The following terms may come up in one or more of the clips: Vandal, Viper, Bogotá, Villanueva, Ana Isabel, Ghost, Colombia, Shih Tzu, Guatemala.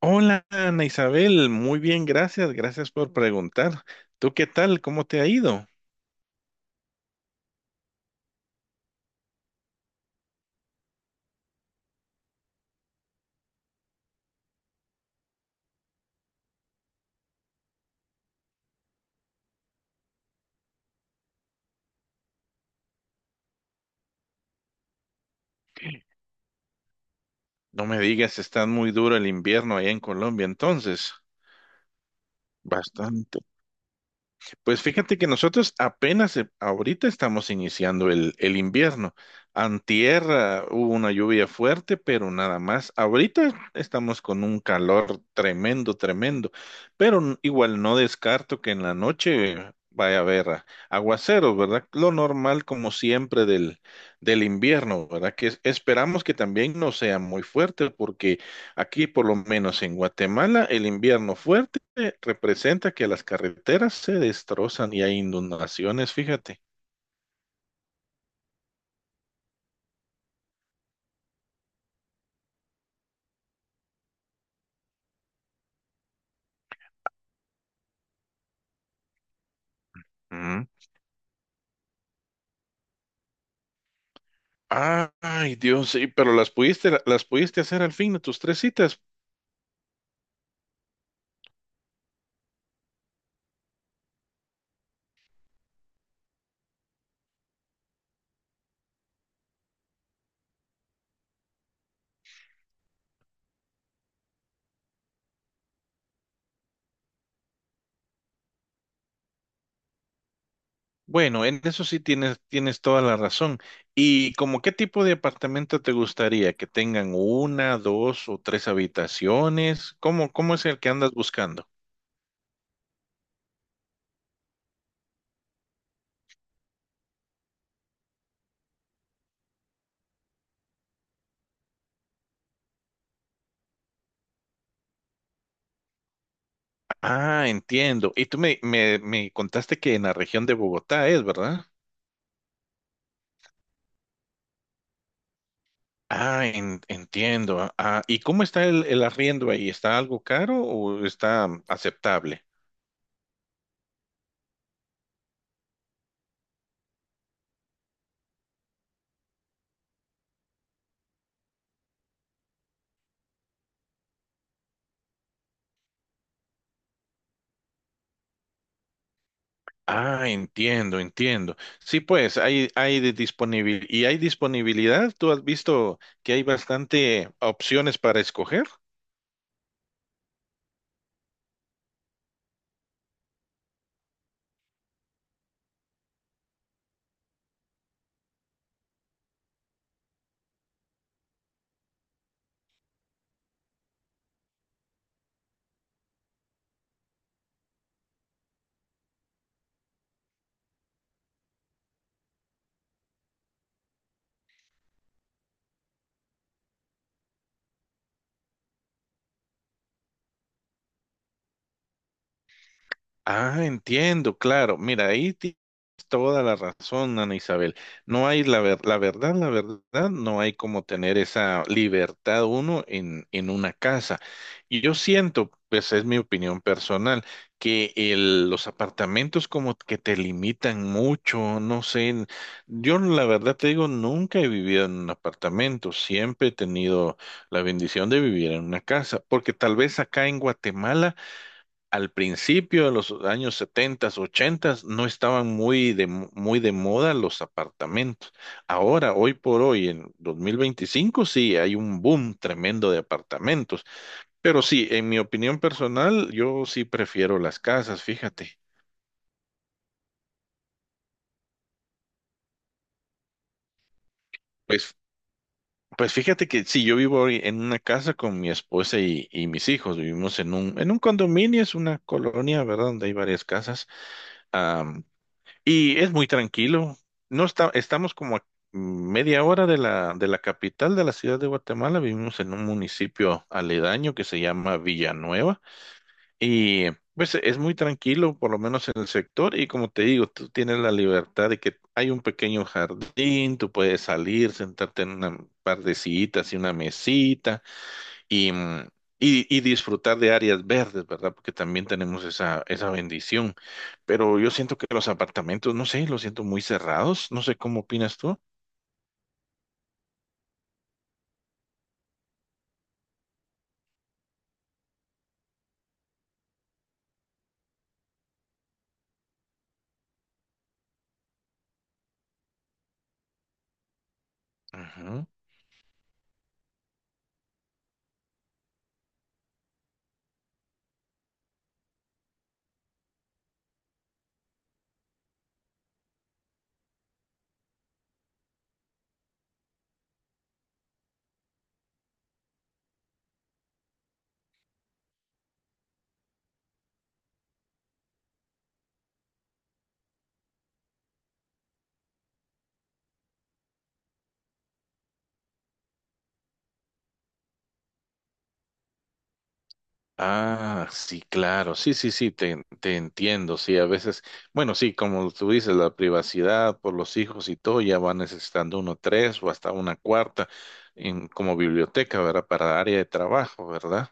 Hola, Ana Isabel, muy bien, gracias, gracias por preguntar. ¿Tú qué tal? ¿Cómo te ha ido? No me digas, está muy duro el invierno allá en Colombia, entonces. Bastante. Pues fíjate que nosotros apenas ahorita estamos iniciando el invierno. Antier, hubo una lluvia fuerte, pero nada más. Ahorita estamos con un calor tremendo, tremendo. Pero igual no descarto que en la noche vaya a haber aguaceros, ¿verdad? Lo normal como siempre del invierno, ¿verdad? Esperamos que también no sea muy fuerte. Aquí, por lo menos en Guatemala, el invierno fuerte representa que las carreteras se destrozan y hay inundaciones, fíjate. Mm. Ay, Dios, sí, pero las pudiste hacer al fin de tus tres citas. Bueno, en eso sí tienes toda la razón. ¿Y como qué tipo de apartamento te gustaría? ¿Que tengan una, dos o tres habitaciones? ¿ cómo es el que andas buscando? Ah, entiendo. Y tú me contaste que en la región de Bogotá es, ¿verdad? Ah, entiendo. Ah, ¿y cómo está el arriendo ahí? ¿Está algo caro o está aceptable? Ah, entiendo, entiendo. Sí, pues hay de disponibilidad y hay disponibilidad. ¿Tú has visto que hay bastante opciones para escoger? Ah, entiendo, claro. Mira, ahí tienes toda la razón, Ana Isabel. No hay la ver- La verdad, la verdad, no hay como tener esa libertad uno en una casa. Y yo siento, pues es mi opinión personal, que los apartamentos como que te limitan mucho, no sé. Yo la verdad te digo, nunca he vivido en un apartamento, siempre he tenido la bendición de vivir en una casa, porque tal vez acá en Guatemala al principio de los años 70, 80, no estaban muy de moda los apartamentos. Ahora, hoy por hoy, en 2025, sí, hay un boom tremendo de apartamentos. Pero sí, en mi opinión personal, yo sí prefiero las casas, fíjate. Pues, pues fíjate que sí, yo vivo hoy en una casa con mi esposa y mis hijos. Vivimos en en un condominio, es una colonia, ¿verdad? Donde hay varias casas. Y es muy tranquilo. No está, Estamos como a media hora de de la capital de la ciudad de Guatemala. Vivimos en un municipio aledaño que se llama Villanueva. Y pues es muy tranquilo, por lo menos en el sector. Y como te digo, tú tienes la libertad de que hay un pequeño jardín, tú puedes salir, sentarte en una par de sillitas y una mesita y, mm, y disfrutar de áreas verdes, ¿verdad? Porque también tenemos esa bendición. Pero yo siento que los apartamentos, no sé, los siento muy cerrados. No sé cómo opinas tú. Ujú. Ah, sí, claro, sí, sí, sí, te entiendo, sí, a veces, bueno, sí, como tú dices, la privacidad por los hijos y todo, ya va necesitando uno tres o hasta una cuarta en, como biblioteca, ¿verdad? Para área de trabajo, ¿verdad?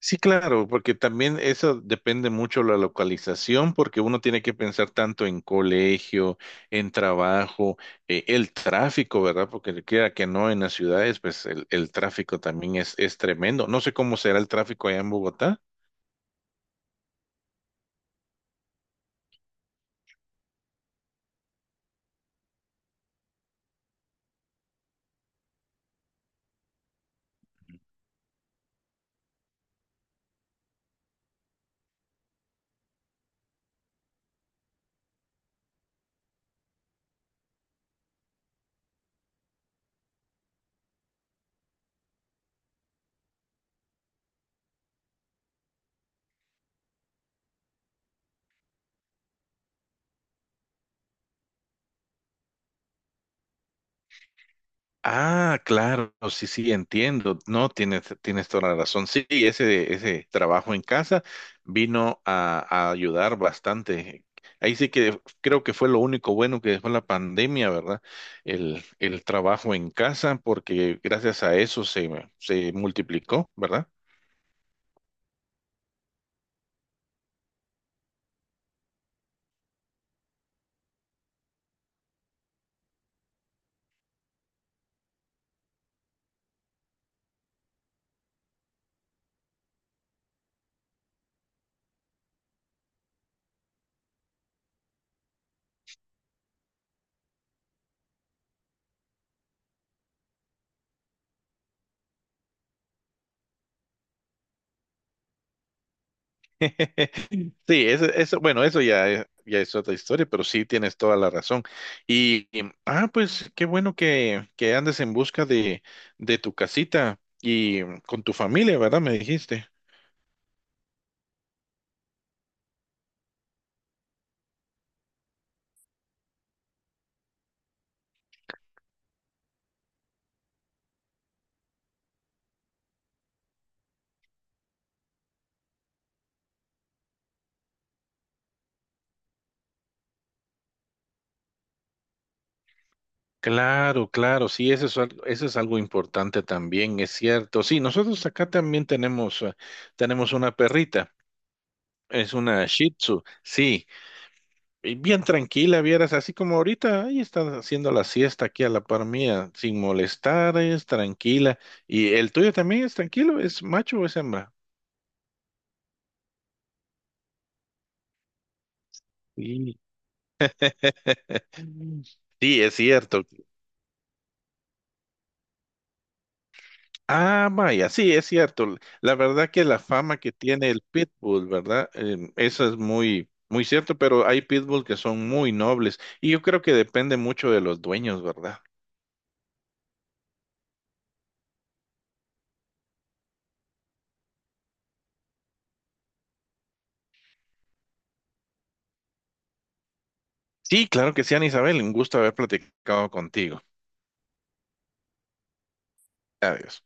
Sí, claro, porque también eso depende mucho de la localización, porque uno tiene que pensar tanto en colegio, en trabajo, el tráfico, ¿verdad? Porque quiera que no, en las ciudades, pues el tráfico también es tremendo. No sé cómo será el tráfico allá en Bogotá. Ah, claro, sí, sí, entiendo. No, tienes toda la razón. Sí, ese trabajo en casa vino a ayudar bastante. Ahí sí que creo que fue lo único bueno que dejó la pandemia, ¿verdad? El trabajo en casa, porque gracias a eso se multiplicó, ¿verdad? Sí, eso, bueno, eso ya, ya es otra historia, pero sí tienes toda la razón. Pues qué bueno que andes en busca de tu casita y con tu familia, ¿verdad? Me dijiste. Claro, claro, sí, eso es, eso es algo importante también, es cierto. Sí, nosotros acá también tenemos, tenemos una perrita, es una Shih Tzu, sí. Y bien tranquila, vieras, así como ahorita, ahí están haciendo la siesta aquí a la par mía, sin molestar, es tranquila. ¿Y el tuyo también es tranquilo? ¿Es macho o es hembra? Sí. Sí, es cierto. Ah, vaya, sí, es cierto. La verdad que la fama que tiene el pitbull, ¿verdad? Eso es muy, muy cierto, pero hay pitbull que son muy nobles y yo creo que depende mucho de los dueños, ¿verdad? Sí, claro que sí, Ana Isabel, un gusto haber platicado contigo. Adiós.